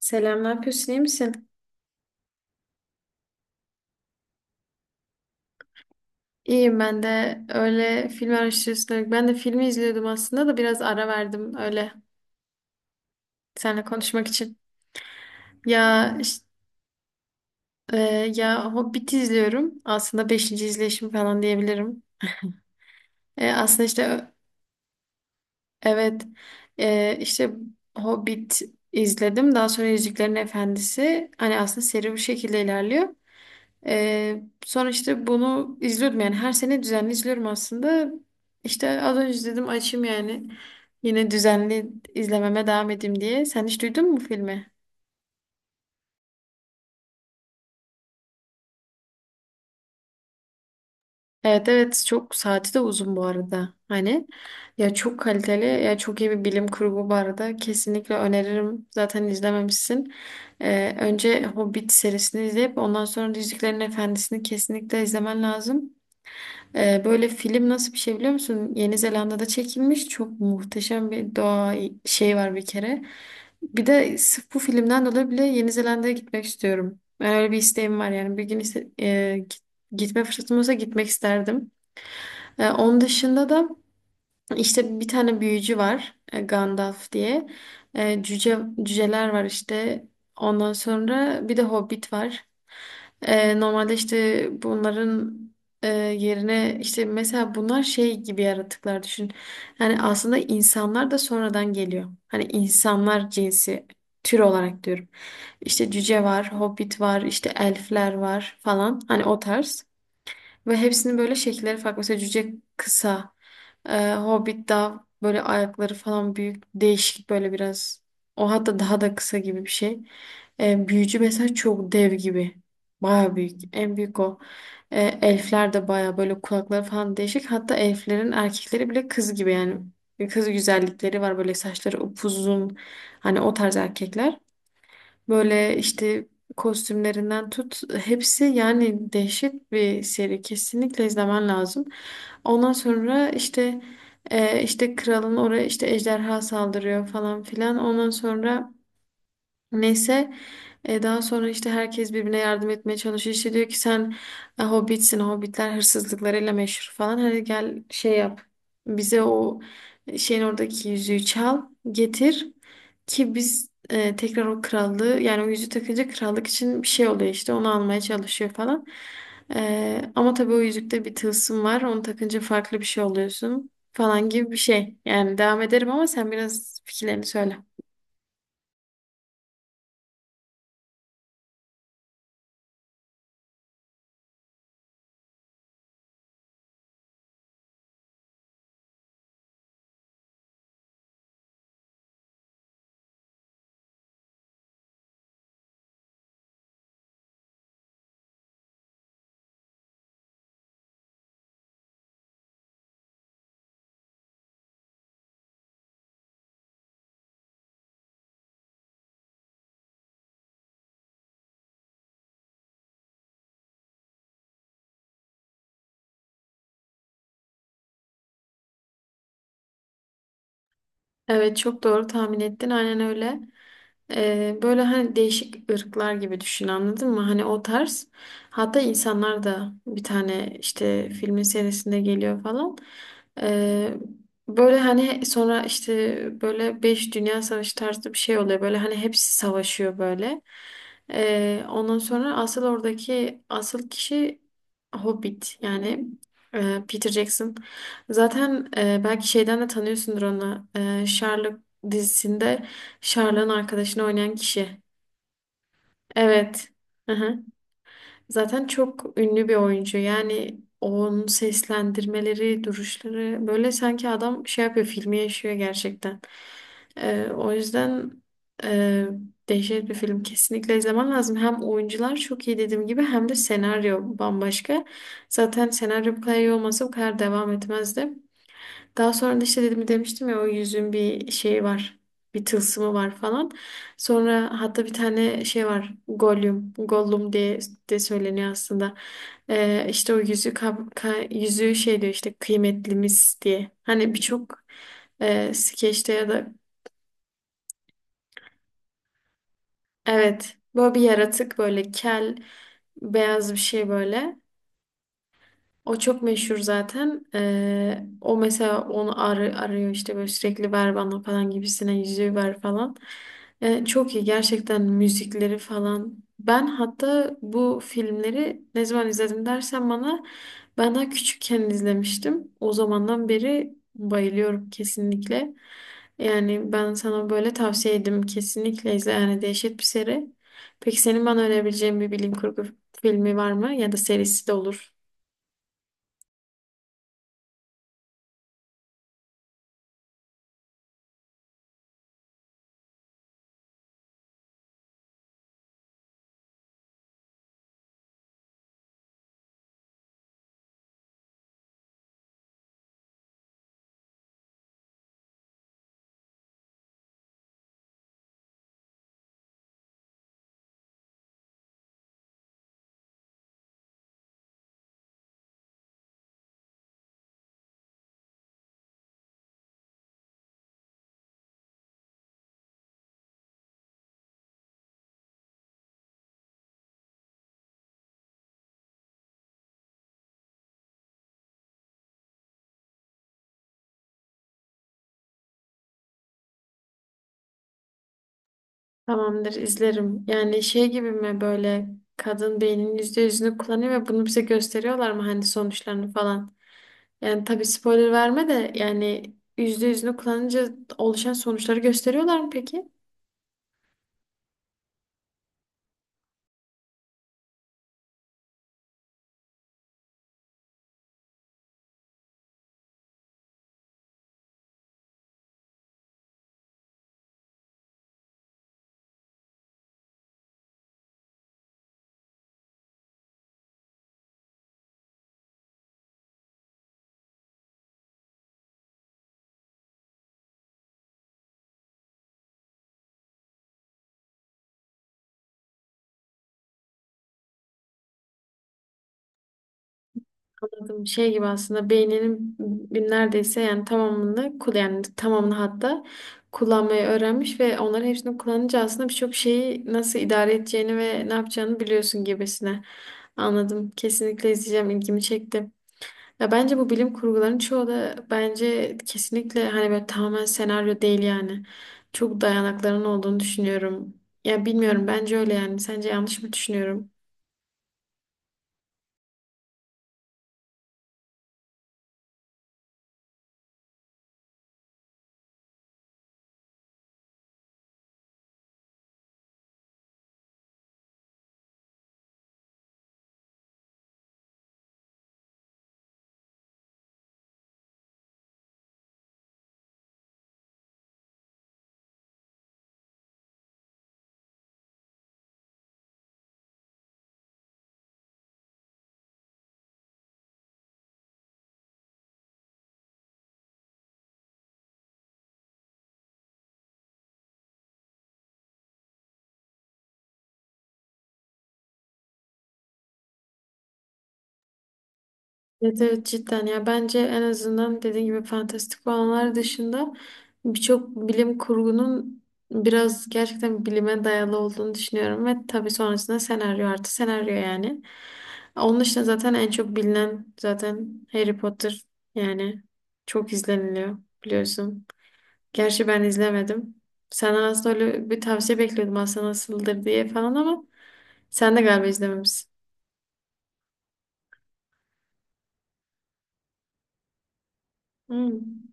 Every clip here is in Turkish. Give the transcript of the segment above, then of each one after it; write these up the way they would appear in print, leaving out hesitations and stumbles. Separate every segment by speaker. Speaker 1: Selam, ne yapıyorsun? İyi misin? İyiyim ben de öyle film araştırıyorsun. Ben de filmi izliyordum aslında da biraz ara verdim öyle seninle konuşmak için. Ya işte, e, ya Hobbit izliyorum. Aslında beşinci izleyişim falan diyebilirim. Aslında işte evet, işte Hobbit izledim. Daha sonra Yüzüklerin Efendisi. Hani aslında seri bu şekilde ilerliyor. Sonra işte bunu izliyordum yani her sene düzenli izliyorum aslında. İşte az önce dedim açayım yani. Yine düzenli izlememe devam edeyim diye. Sen hiç duydun mu filmi? Evet, evet, çok saati de uzun bu arada. Hani ya çok kaliteli ya çok iyi bir bilim kurgu bu arada. Kesinlikle öneririm. Zaten izlememişsin. Önce Hobbit serisini izleyip ondan sonra Yüzüklerin Efendisi'ni kesinlikle izlemen lazım. Böyle film nasıl bir şey biliyor musun? Yeni Zelanda'da çekilmiş. Çok muhteşem bir doğa şey var bir kere. Bir de sırf bu filmden dolayı bile Yeni Zelanda'ya gitmek istiyorum. Ben öyle bir isteğim var yani. Bir gün ise- e, git- gitme fırsatım olsa gitmek isterdim. Onun dışında da işte bir tane büyücü var, Gandalf diye. Cüce, cüceler var işte. Ondan sonra bir de Hobbit var. Normalde işte bunların yerine işte mesela bunlar şey gibi yaratıklar düşün. Yani aslında insanlar da sonradan geliyor. Hani insanlar cinsi tür olarak diyorum. İşte cüce var, Hobbit var, işte elfler var falan. Hani o tarz. Ve hepsinin böyle şekilleri farklı. Mesela cüce kısa, hobbit daha böyle ayakları falan büyük, değişik böyle biraz. O hatta daha da kısa gibi bir şey. Büyücü mesela çok dev gibi. Baya büyük. En büyük o. Elfler de baya böyle kulakları falan değişik. Hatta elflerin erkekleri bile kız gibi yani. Kız güzellikleri var böyle saçları upuzun. Hani o tarz erkekler. Böyle işte kostümlerinden tut hepsi yani dehşet bir seri, kesinlikle izlemen lazım. Ondan sonra işte işte kralın oraya işte ejderha saldırıyor falan filan. Ondan sonra neyse, daha sonra işte herkes birbirine yardım etmeye çalışıyor. İşte diyor ki sen hobbitsin, hobbitler hırsızlıklarıyla meşhur falan. Hadi gel şey yap. Bize o şeyin oradaki yüzüğü çal, getir ki biz tekrar o krallığı yani o yüzüğü takınca krallık için bir şey oluyor, işte onu almaya çalışıyor falan. Ama tabii o yüzükte bir tılsım var. Onu takınca farklı bir şey oluyorsun falan gibi bir şey. Yani devam ederim ama sen biraz fikirlerini söyle. Evet, çok doğru tahmin ettin aynen öyle. Böyle hani değişik ırklar gibi düşün, anladın mı? Hani o tarz. Hatta insanlar da bir tane işte filmin serisinde geliyor falan. Ee, Böyle hani sonra işte böyle 5 Dünya Savaşı tarzı bir şey oluyor. Böyle hani hepsi savaşıyor böyle. Ondan sonra asıl oradaki asıl kişi Hobbit yani, Peter Jackson. Zaten belki şeyden de tanıyorsundur onu. Sherlock dizisinde Sherlock'un arkadaşını oynayan kişi. Evet. Hı-hı. Zaten çok ünlü bir oyuncu. Yani onun seslendirmeleri, duruşları böyle sanki adam şey yapıyor, filmi yaşıyor gerçekten. O yüzden e, dehşet bir film. Kesinlikle izlemen lazım. Hem oyuncular çok iyi dediğim gibi hem de senaryo bambaşka. Zaten senaryo bu kadar iyi olmasa bu kadar devam etmezdi. Daha sonra da işte dedim, demiştim ya o yüzün bir şeyi var. Bir tılsımı var falan. Sonra hatta bir tane şey var. Gollum. Gollum diye de söyleniyor aslında. İşte o yüzüğü şey diyor işte kıymetlimiz diye. Hani birçok skeçte ya da evet. Böyle bir yaratık böyle kel beyaz bir şey böyle. O çok meşhur zaten. O mesela onu arıyor işte böyle sürekli ver bana falan gibisine yüzüğü ver falan. Çok iyi gerçekten müzikleri falan. Ben hatta bu filmleri ne zaman izledim dersen bana, ben daha küçükken izlemiştim. O zamandan beri bayılıyorum kesinlikle. Yani ben sana böyle tavsiye ederim, kesinlikle izle yani dehşet bir seri. Peki senin bana önerebileceğin bir bilim kurgu filmi var mı, ya da serisi de olur. Tamamdır, izlerim. Yani şey gibi mi böyle, kadın beyninin yüzde yüzünü kullanıyor ve bunu bize gösteriyorlar mı hani sonuçlarını falan. Yani tabii spoiler verme de yani yüzde yüzünü kullanınca oluşan sonuçları gösteriyorlar mı peki? Anladım. Şey gibi aslında beyninin neredeyse yani tamamını yani tamamını hatta kullanmayı öğrenmiş ve onların hepsini kullanınca aslında birçok şeyi nasıl idare edeceğini ve ne yapacağını biliyorsun gibisine. Anladım. Kesinlikle izleyeceğim. İlgimi çekti. Ya bence bu bilim kurguların çoğu da bence kesinlikle hani böyle tamamen senaryo değil yani. Çok dayanakların olduğunu düşünüyorum. Ya bilmiyorum bence öyle yani. Sence yanlış mı düşünüyorum? Evet, evet cidden ya bence en azından dediğin gibi fantastik olanlar dışında birçok bilim kurgunun biraz gerçekten bilime dayalı olduğunu düşünüyorum ve tabii sonrasında senaryo artı senaryo yani. Onun dışında zaten en çok bilinen zaten Harry Potter yani çok izleniliyor biliyorsun. Gerçi ben izlemedim. Senden aslında öyle bir tavsiye bekliyordum aslında nasıldır diye falan ama sen de galiba izlememişsin. Hmm.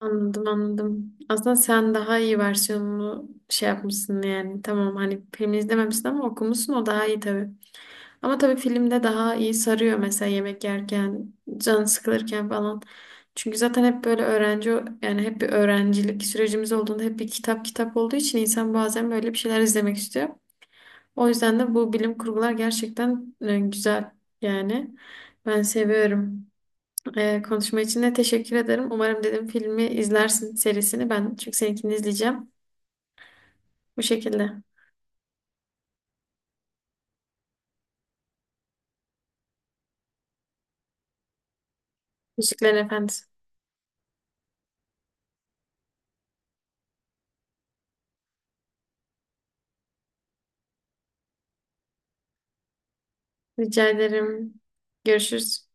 Speaker 1: Anladım, anladım. Aslında sen daha iyi versiyonunu şey yapmışsın yani. Tamam hani filmi izlememişsin ama okumuşsun, o daha iyi tabii. Ama tabii filmde daha iyi sarıyor mesela yemek yerken, can sıkılırken falan. Çünkü zaten hep böyle öğrenci yani hep bir öğrencilik sürecimiz olduğunda hep bir kitap olduğu için insan bazen böyle bir şeyler izlemek istiyor. O yüzden de bu bilim kurgular gerçekten güzel yani. Ben seviyorum. Konuşma için de teşekkür ederim. Umarım dedim filmi izlersin serisini, ben çünkü seninkini izleyeceğim. Bu şekilde. Müziklerin efendim. Rica ederim. Görüşürüz.